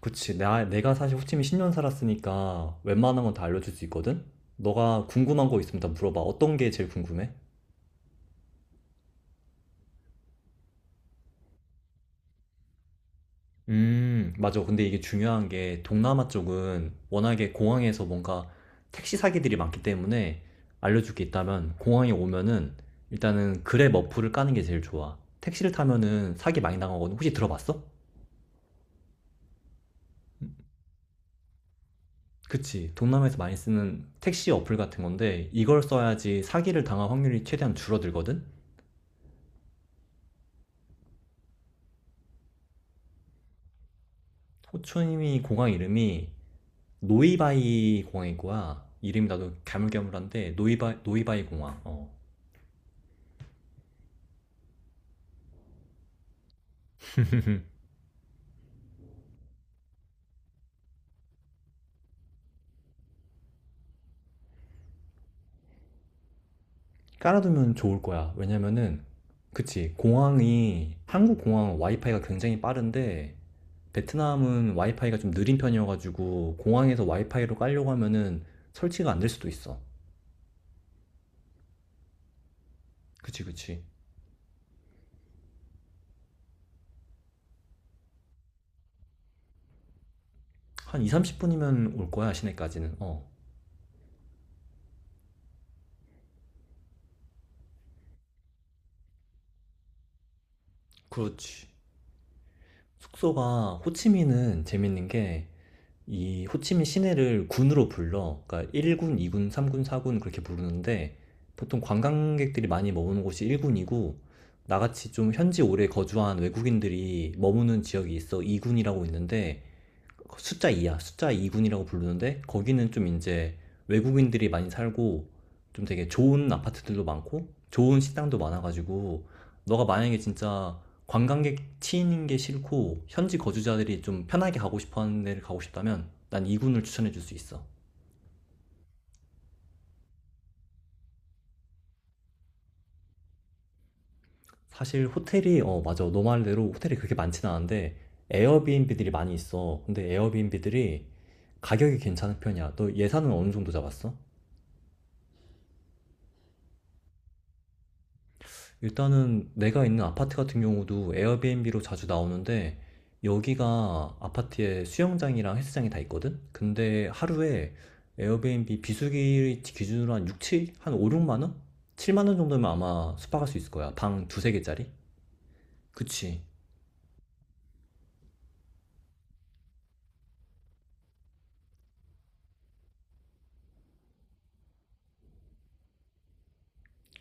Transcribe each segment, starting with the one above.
그치. 내가 사실 호치민 10년 살았으니까 웬만한 건 다 알려줄 수 있거든? 너가 궁금한 거 있으면 다 물어봐. 어떤 게 제일 궁금해? 맞아. 근데 이게 중요한 게 동남아 쪽은 워낙에 공항에서 뭔가 택시 사기들이 많기 때문에 알려줄 게 있다면 공항에 오면은 일단은 그랩 어플을 까는 게 제일 좋아. 택시를 타면은 사기 많이 당하거든. 혹시 들어봤어? 그치. 동남아에서 많이 쓰는 택시 어플 같은 건데 이걸 써야지 사기를 당할 확률이 최대한 줄어들거든? 호초이미 공항 이름이 노이바이 공항인 거야. 이름이 나도 가물가물한데 노이바이 공항. 어. 깔아두면 좋을 거야. 왜냐면은 그치 공항이 한국 공항 와이파이가 굉장히 빠른데 베트남은 와이파이가 좀 느린 편이어가지고 공항에서 와이파이로 깔려고 하면은 설치가 안 될 수도 있어. 그치, 그치. 한 2, 30분이면 올 거야 시내까지는. 어. 그렇지. 숙소가 호치민은 재밌는 게 이 호치민 시내를 군으로 불러. 그러니까 1군, 2군, 3군, 4군 그렇게 부르는데 보통 관광객들이 많이 머무는 곳이 1군이고 나같이 좀 현지 오래 거주한 외국인들이 머무는 지역이 있어 2군이라고 있는데 숫자 2야. 숫자 2군이라고 부르는데 거기는 좀 이제 외국인들이 많이 살고 좀 되게 좋은 아파트들도 많고 좋은 식당도 많아가지고 너가 만약에 진짜 관광객 치이는 게 싫고 현지 거주자들이 좀 편하게 가고 싶어 하는 데를 가고 싶다면 난 2군을 추천해 줄 수 있어. 사실 호텔이 어 맞아. 너 말대로 호텔이 그렇게 많진 않은데 에어비앤비들이 많이 있어. 근데 에어비앤비들이 가격이 괜찮은 편이야. 너 예산은 어느 정도 잡았어? 일단은 내가 있는 아파트 같은 경우도 에어비앤비로 자주 나오는데 여기가 아파트에 수영장이랑 헬스장이 다 있거든? 근데 하루에 에어비앤비 비수기 기준으로 한 6, 7? 한 5, 6만 원? 7만 원 정도면 아마 숙박할 수 있을 거야. 방 두세 개짜리? 그치.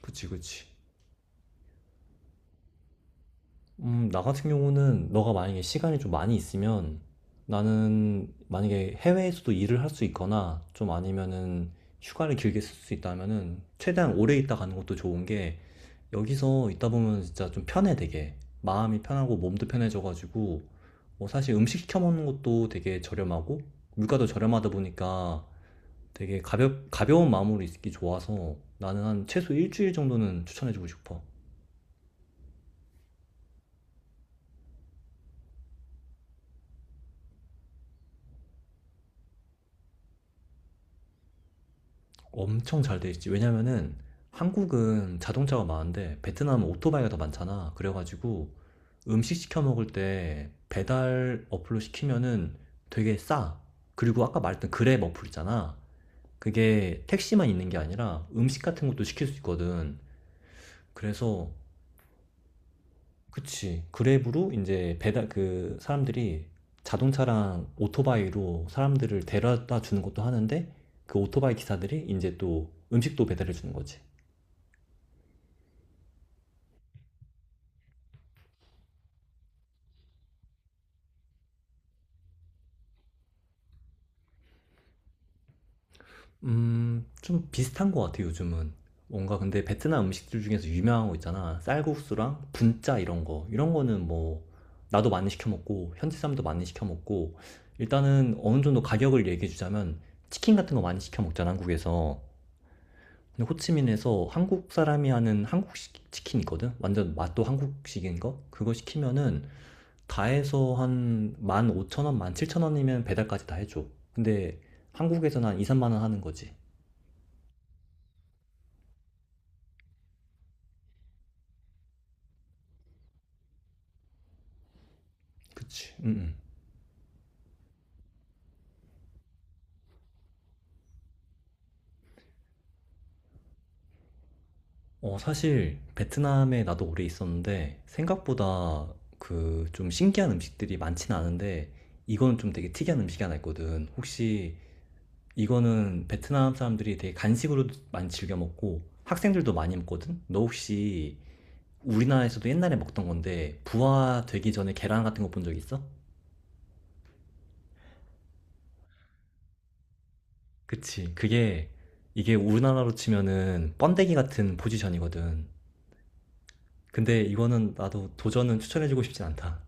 그치, 그치. 나 같은 경우는 너가 만약에 시간이 좀 많이 있으면 나는 만약에 해외에서도 일을 할 수 있거나 좀 아니면은 휴가를 길게 쓸 수 있다면은 최대한 오래 있다 가는 것도 좋은 게 여기서 있다 보면 진짜 좀 편해 되게 마음이 편하고 몸도 편해져가지고 뭐 사실 음식 시켜 먹는 것도 되게 저렴하고 물가도 저렴하다 보니까 되게 가벼운 마음으로 있기 좋아서 나는 한 최소 일주일 정도는 추천해주고 싶어. 엄청 잘 돼 있지. 왜냐면은 한국은 자동차가 많은데 베트남은 오토바이가 더 많잖아. 그래가지고 음식 시켜 먹을 때 배달 어플로 시키면은 되게 싸. 그리고 아까 말했던 그랩 어플 있잖아. 그게 택시만 있는 게 아니라 음식 같은 것도 시킬 수 있거든. 그래서 그치. 그랩으로 이제 배달 그 사람들이 자동차랑 오토바이로 사람들을 데려다 주는 것도 하는데 그 오토바이 기사들이 이제 또 음식도 배달해 주는 거지. 좀 비슷한 것 같아요 요즘은. 뭔가 근데 베트남 음식들 중에서 유명한 거 있잖아. 쌀국수랑 분짜 이런 거. 이런 거는 뭐 나도 많이 시켜 먹고 현지 사람도 많이 시켜 먹고 일단은 어느 정도 가격을 얘기해 주자면 치킨 같은 거 많이 시켜 먹잖아 한국에서. 근데 호치민에서 한국 사람이 하는 한국식 치킨 있거든? 완전 맛도 한국식인 거? 그거 시키면은 다 해서 한 15,000원, 17,000원이면 배달까지 다 해줘. 근데 한국에서는 한 2, 3만 원 하는 거지. 그치. 음. 어, 사실 베트남에 나도 오래 있었는데 생각보다 그 좀 신기한 음식들이 많진 않은데 이건 좀 되게 특이한 음식이 하나 있거든. 혹시 이거는 베트남 사람들이 되게 간식으로도 많이 즐겨 먹고 학생들도 많이 먹거든. 너 혹시 우리나라에서도 옛날에 먹던 건데 부화 되기 전에 계란 같은 거 본 적 있어? 그치. 그게 이게 우리나라로 치면은 번데기 같은 포지션이거든. 근데 이거는 나도 도전은 추천해주고 싶진 않다.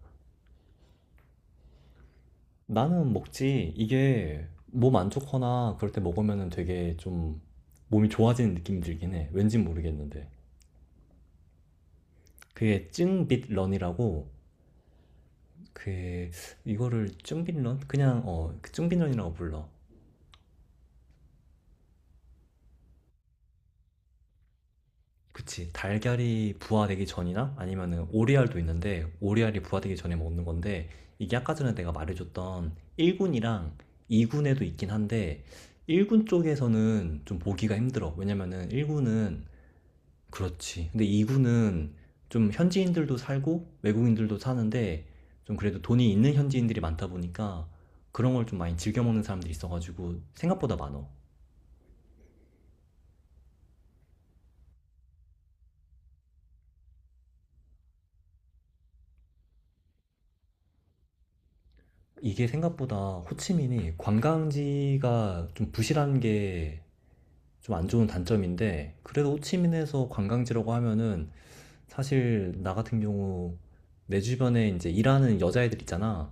나는 먹지. 이게 몸 안 좋거나 그럴 때 먹으면 되게 좀 몸이 좋아지는 느낌이 들긴 해. 왠진 모르겠는데. 그게 쭝빗런이라고 그 이거를 쭝빗런? 그냥 어 쭝빗런이라고 불러. 그치. 달걀이 부화되기 전이나 아니면은 오리알도 있는데 오리알이 부화되기 전에 먹는 건데 이게 아까 전에 내가 말해줬던 1군이랑 2군에도 있긴 한데 1군 쪽에서는 좀 보기가 힘들어. 왜냐면은 1군은 그렇지. 근데 이구는 좀 현지인들도 살고 외국인들도 사는데 좀 그래도 돈이 있는 현지인들이 많다 보니까 그런 걸 좀 많이 즐겨 먹는 사람들이 있어가지고 생각보다 많어. 이게 생각보다 호치민이 관광지가 좀 부실한 게 좀 안 좋은 단점인데 그래도 호치민에서 관광지라고 하면은 사실 나 같은 경우 내 주변에 이제 일하는 여자애들 있잖아.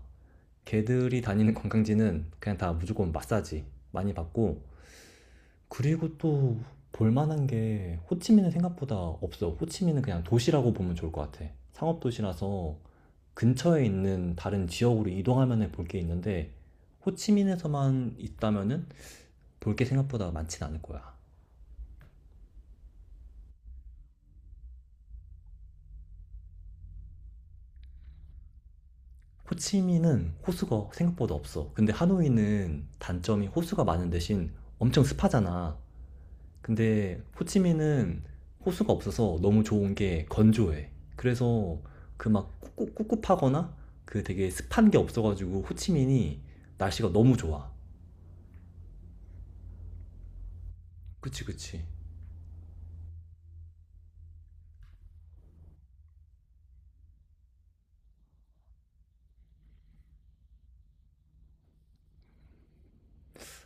걔들이 다니는 관광지는 그냥 다 무조건 마사지 많이 받고 그리고 또 볼만한 게 호치민은 생각보다 없어. 호치민은 그냥 도시라고 보면 좋을 것 같아. 상업도시라서 근처에 있는 다른 지역으로 이동하면 볼 게 있는데 호치민에서만 있다면은 볼 게 생각보다 많진 않을 거야. 호치민은 호수가 생각보다 없어. 근데 하노이는 단점이 호수가 많은 대신 엄청 습하잖아. 근데 호치민은 호수가 없어서 너무 좋은 게 건조해. 그래서 그 막 꿉꿉하거나 그 되게 습한 게 없어가지고 호치민이 날씨가 너무 좋아. 그치, 그치.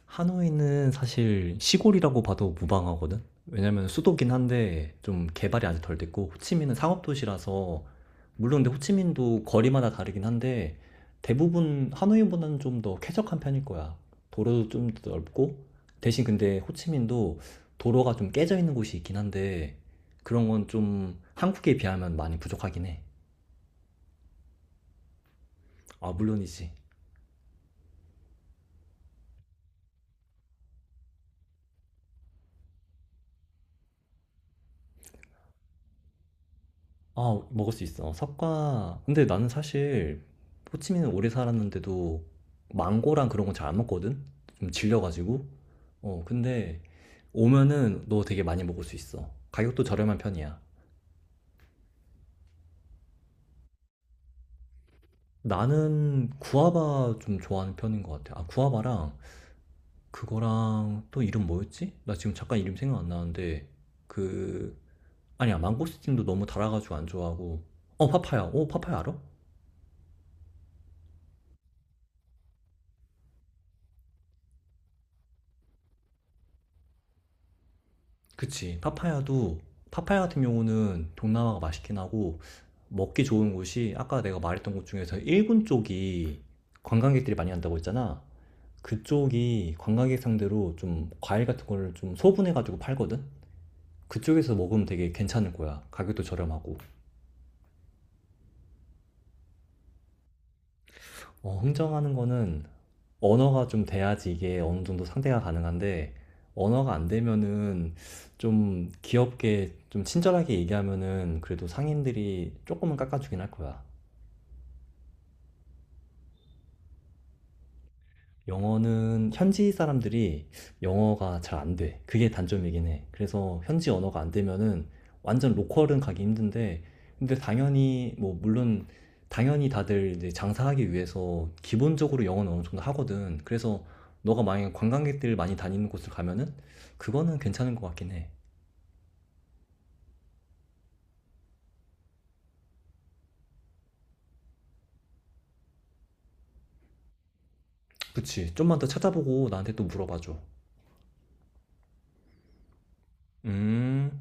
하노이는 사실 시골이라고 봐도 무방하거든? 왜냐면 수도긴 한데 좀 개발이 아직 덜 됐고 호치민은 상업도시라서 물론 근데 호치민도 거리마다 다르긴 한데 대부분 하노이보다는 좀 더 쾌적한 편일 거야. 도로도 좀 더 넓고 대신 근데 호치민도 도로가 좀 깨져 있는 곳이 있긴 한데 그런 건 좀 한국에 비하면 많이 부족하긴 해. 아, 물론이지. 아, 먹을 수 있어. 석과. 근데 나는 사실 호치민은 오래 살았는데도 망고랑 그런 건 잘 안 먹거든? 좀 질려가지고. 어, 근데 오면은 너 되게 많이 먹을 수 있어. 가격도 저렴한 편이야. 나는 구아바 좀 좋아하는 편인 것 같아. 아, 구아바랑 그거랑 또 이름 뭐였지? 나 지금 잠깐 이름 생각 안 나는데 그 아니야 망고스틴도 너무 달아가지고 안 좋아하고 어 파파야. 어 파파야 알아? 그치. 파파야도, 파파야 같은 경우는 동남아가 맛있긴 하고, 먹기 좋은 곳이, 아까 내가 말했던 곳 중에서 일본 쪽이 관광객들이 많이 간다고 했잖아. 그쪽이 관광객 상대로 좀 과일 같은 거를 좀 소분해가지고 팔거든? 그쪽에서 먹으면 되게 괜찮을 거야. 가격도 저렴하고. 어, 흥정하는 거는 언어가 좀 돼야지 이게 어느 정도 상대가 가능한데 언어가 안 되면은 좀 귀엽게 좀 친절하게 얘기하면은 그래도 상인들이 조금은 깎아주긴 할 거야. 영어는 현지 사람들이 영어가 잘 안 돼. 그게 단점이긴 해. 그래서 현지 언어가 안 되면은 완전 로컬은 가기 힘든데, 근데 당연히, 뭐, 물론, 당연히 다들 이제 장사하기 위해서 기본적으로 영어는 어느 정도 하거든. 그래서 너가 만약에 관광객들 많이 다니는 곳을 가면은 그거는 괜찮은 것 같긴 해. 그치. 좀만 더 찾아보고 나한테 또 물어봐줘. 음.